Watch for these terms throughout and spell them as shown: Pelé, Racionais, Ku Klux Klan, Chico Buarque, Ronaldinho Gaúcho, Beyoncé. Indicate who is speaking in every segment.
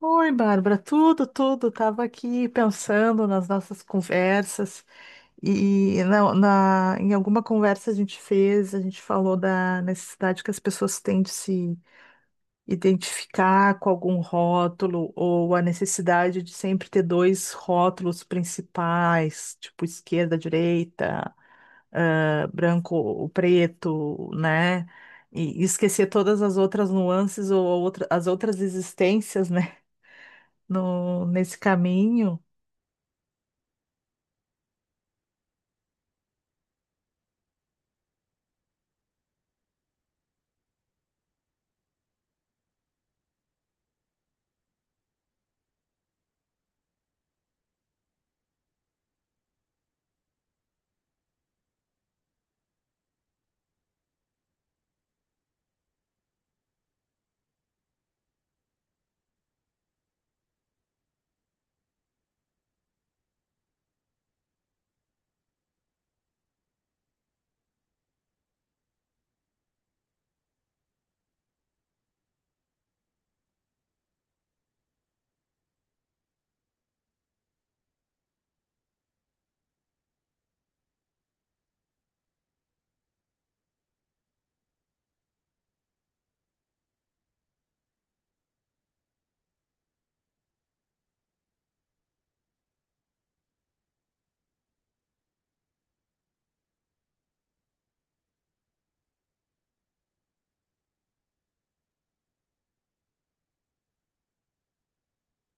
Speaker 1: Oi, Bárbara, tudo. Estava aqui pensando nas nossas conversas e em alguma conversa a gente fez, a gente falou da necessidade que as pessoas têm de se identificar com algum rótulo ou a necessidade de sempre ter dois rótulos principais, tipo esquerda, direita, branco ou preto, né? E esquecer todas as outras nuances ou as outras existências, né? No, Nesse caminho.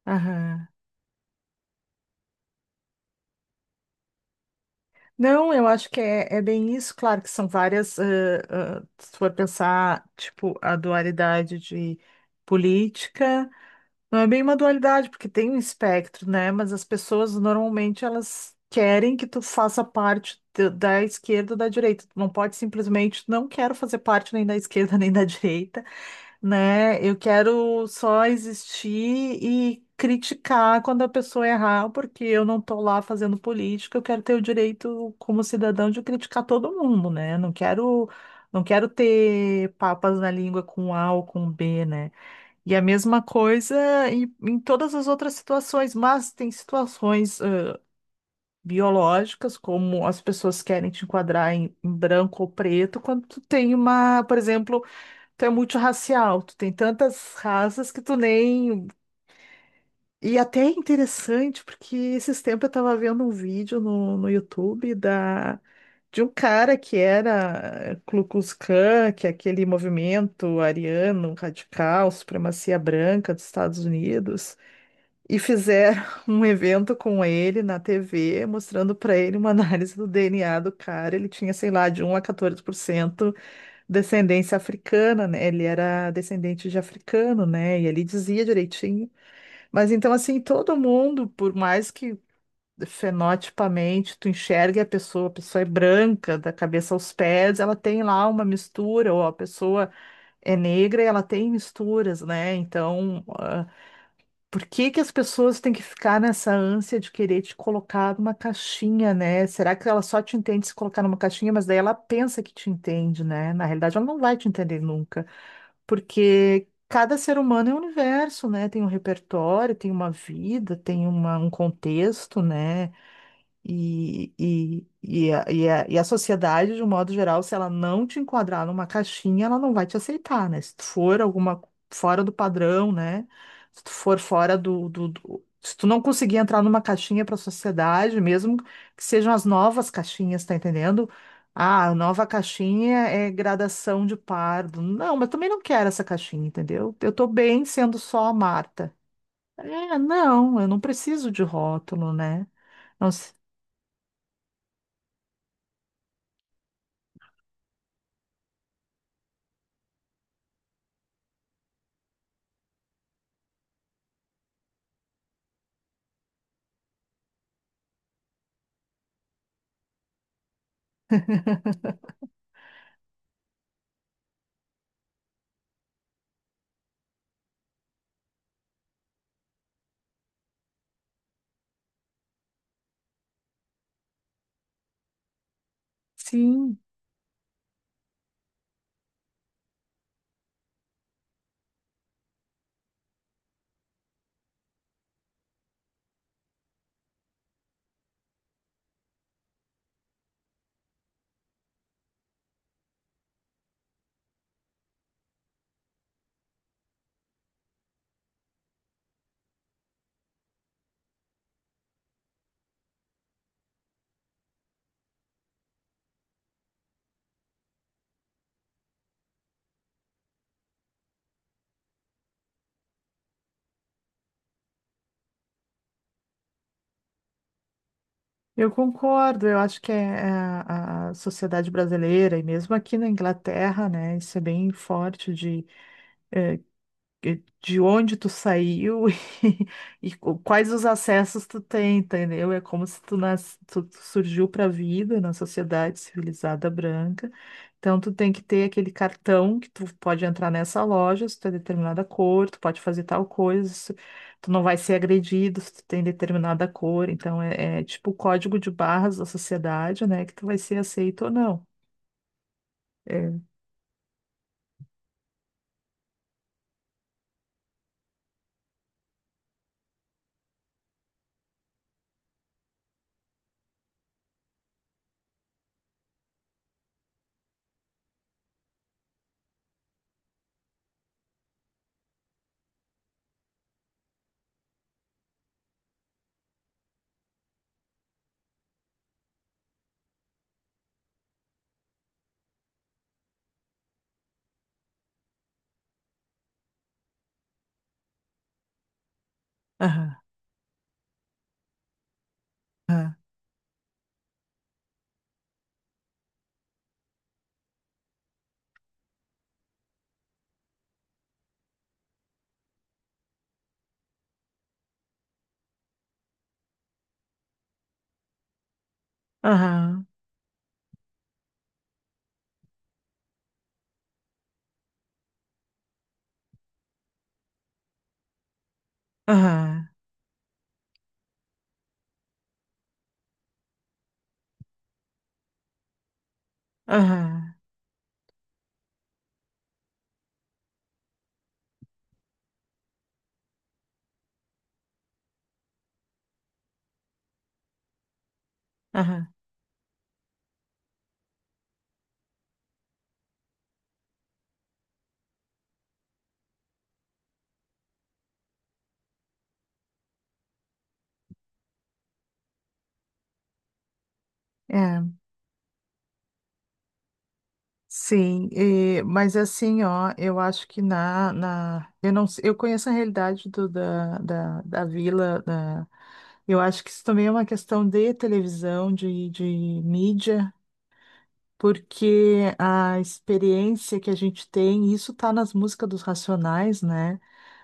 Speaker 1: Aham. Não, eu acho que é, é bem isso. Claro que são várias, se for pensar, tipo, a dualidade de política, não é bem uma dualidade, porque tem um espectro, né? Mas as pessoas normalmente elas querem que tu faça parte da esquerda ou da direita. Tu não pode simplesmente, não quero fazer parte nem da esquerda nem da direita, né? Eu quero só existir e criticar quando a pessoa errar, porque eu não estou lá fazendo política, eu quero ter o direito como cidadão de criticar todo mundo, né? Não quero ter papas na língua com A ou com B, né? E a mesma coisa em todas as outras situações, mas tem situações biológicas, como as pessoas querem te enquadrar em branco ou preto, quando tu tem uma, por exemplo. Tu é multirracial, tu tem tantas raças que tu nem. E até é interessante, porque esses tempos eu tava vendo um vídeo no YouTube de um cara que era Ku Klux Klan, que é aquele movimento ariano radical, supremacia branca dos Estados Unidos, e fizeram um evento com ele na TV, mostrando para ele uma análise do DNA do cara. Ele tinha, sei lá, de um a 14% descendência africana, né? Ele era descendente de africano, né? E ele dizia direitinho. Mas então, assim, todo mundo, por mais que fenotipamente tu enxergue a pessoa é branca, da cabeça aos pés, ela tem lá uma mistura, ou a pessoa é negra e ela tem misturas, né? Então, por que que as pessoas têm que ficar nessa ânsia de querer te colocar numa caixinha, né? Será que ela só te entende se colocar numa caixinha, mas daí ela pensa que te entende, né? Na realidade, ela não vai te entender nunca, porque cada ser humano é um universo, né? Tem um repertório, tem uma vida, tem um contexto, né? E a sociedade, de um modo geral, se ela não te enquadrar numa caixinha, ela não vai te aceitar, né? Se tu for alguma fora do padrão, né? Se tu for fora Se tu não conseguir entrar numa caixinha para a sociedade, mesmo que sejam as novas caixinhas, tá entendendo? Ah, a nova caixinha é gradação de pardo. Não, mas também não quero essa caixinha, entendeu? Eu tô bem sendo só a Marta. É, não, eu não preciso de rótulo, né? Não. Sim, eu concordo. Eu acho que é, é a sociedade brasileira, e mesmo aqui na Inglaterra, né, isso é bem forte de onde tu saiu e, quais os acessos tu tem, entendeu? É como se tu, tu surgiu para a vida na sociedade civilizada branca. Então, tu tem que ter aquele cartão que tu pode entrar nessa loja, se tu é determinada cor, tu pode fazer tal coisa, se tu não vai ser agredido se tu tem determinada cor. Então, é, é tipo o código de barras da sociedade, né? Que tu vai ser aceito ou não. É. Aham, aham, aham, aham, aham, aham. É. Sim, e- mas assim, ó, eu acho que na, na eu não, sei- eu conheço a realidade da vila, da, eu acho que isso também é uma questão de televisão, de mídia, porque a experiência que a gente tem, isso tá nas músicas dos Racionais, né?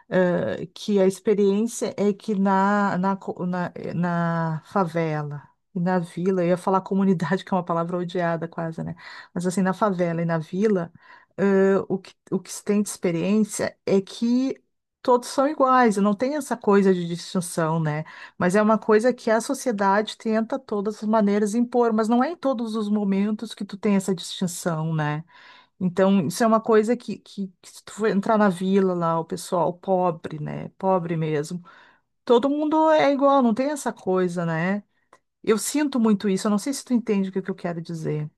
Speaker 1: Que a experiência é que na favela e na vila, eu ia falar comunidade, que é uma palavra odiada quase, né? Mas assim, na favela e na vila, o que se tem de experiência é que todos são iguais, não tem essa coisa de distinção, né? Mas é uma coisa que a sociedade tenta, todas as maneiras, impor, mas não é em todos os momentos que tu tem essa distinção, né? Então, isso é uma coisa que se tu for entrar na vila lá, o pessoal pobre, né? Pobre mesmo. Todo mundo é igual, não tem essa coisa, né? Eu sinto muito isso, eu não sei se tu entende o que eu quero dizer.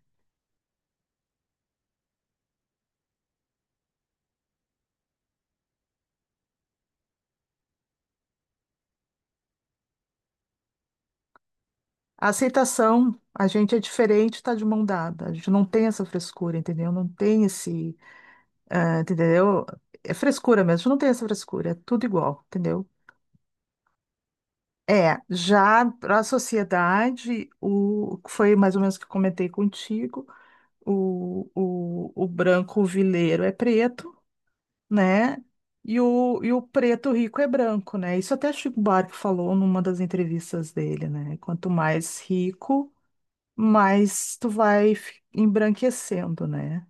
Speaker 1: A aceitação, a gente é diferente, tá de mão dada. A gente não tem essa frescura, entendeu? Não tem esse, ah, entendeu? É frescura mesmo, a gente não tem essa frescura, é tudo igual, entendeu? É, já para a sociedade, o foi mais ou menos o que eu comentei contigo. O branco vileiro é preto, né? E o preto rico é branco, né? Isso até Chico Buarque falou numa das entrevistas dele, né? Quanto mais rico, mais tu vai embranquecendo, né?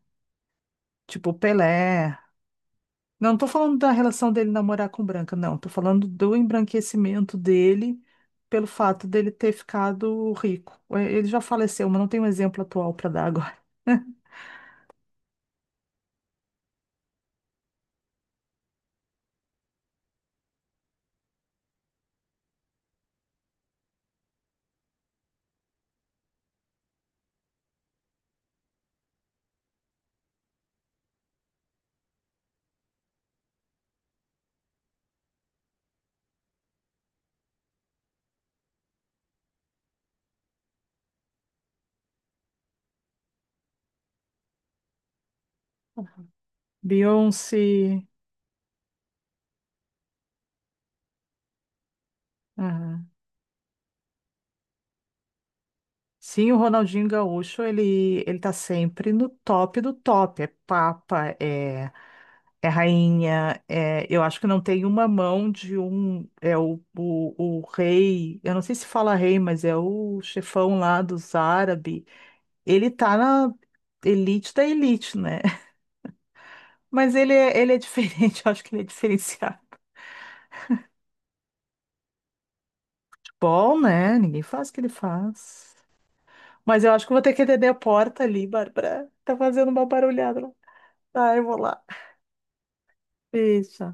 Speaker 1: Tipo o Pelé. Não tô falando da relação dele namorar com branca, não. Tô falando do embranquecimento dele pelo fato dele ter ficado rico. É, ele já faleceu, mas não tem um exemplo atual para dar agora. Beyoncé. Sim, o Ronaldinho Gaúcho, ele tá sempre no top do top. É papa, é, é rainha, é, eu acho que não tem uma mão de um, é o rei, eu não sei se fala rei, mas é o chefão lá dos árabes. Ele tá na elite da elite, né? Mas ele é diferente, eu acho que ele é diferenciado. Bom, né? Ninguém faz o que ele faz. Mas eu acho que eu vou ter que atender a porta ali, Bárbara. Tá fazendo uma barulhada lá. Tá, eu vou lá. Isso.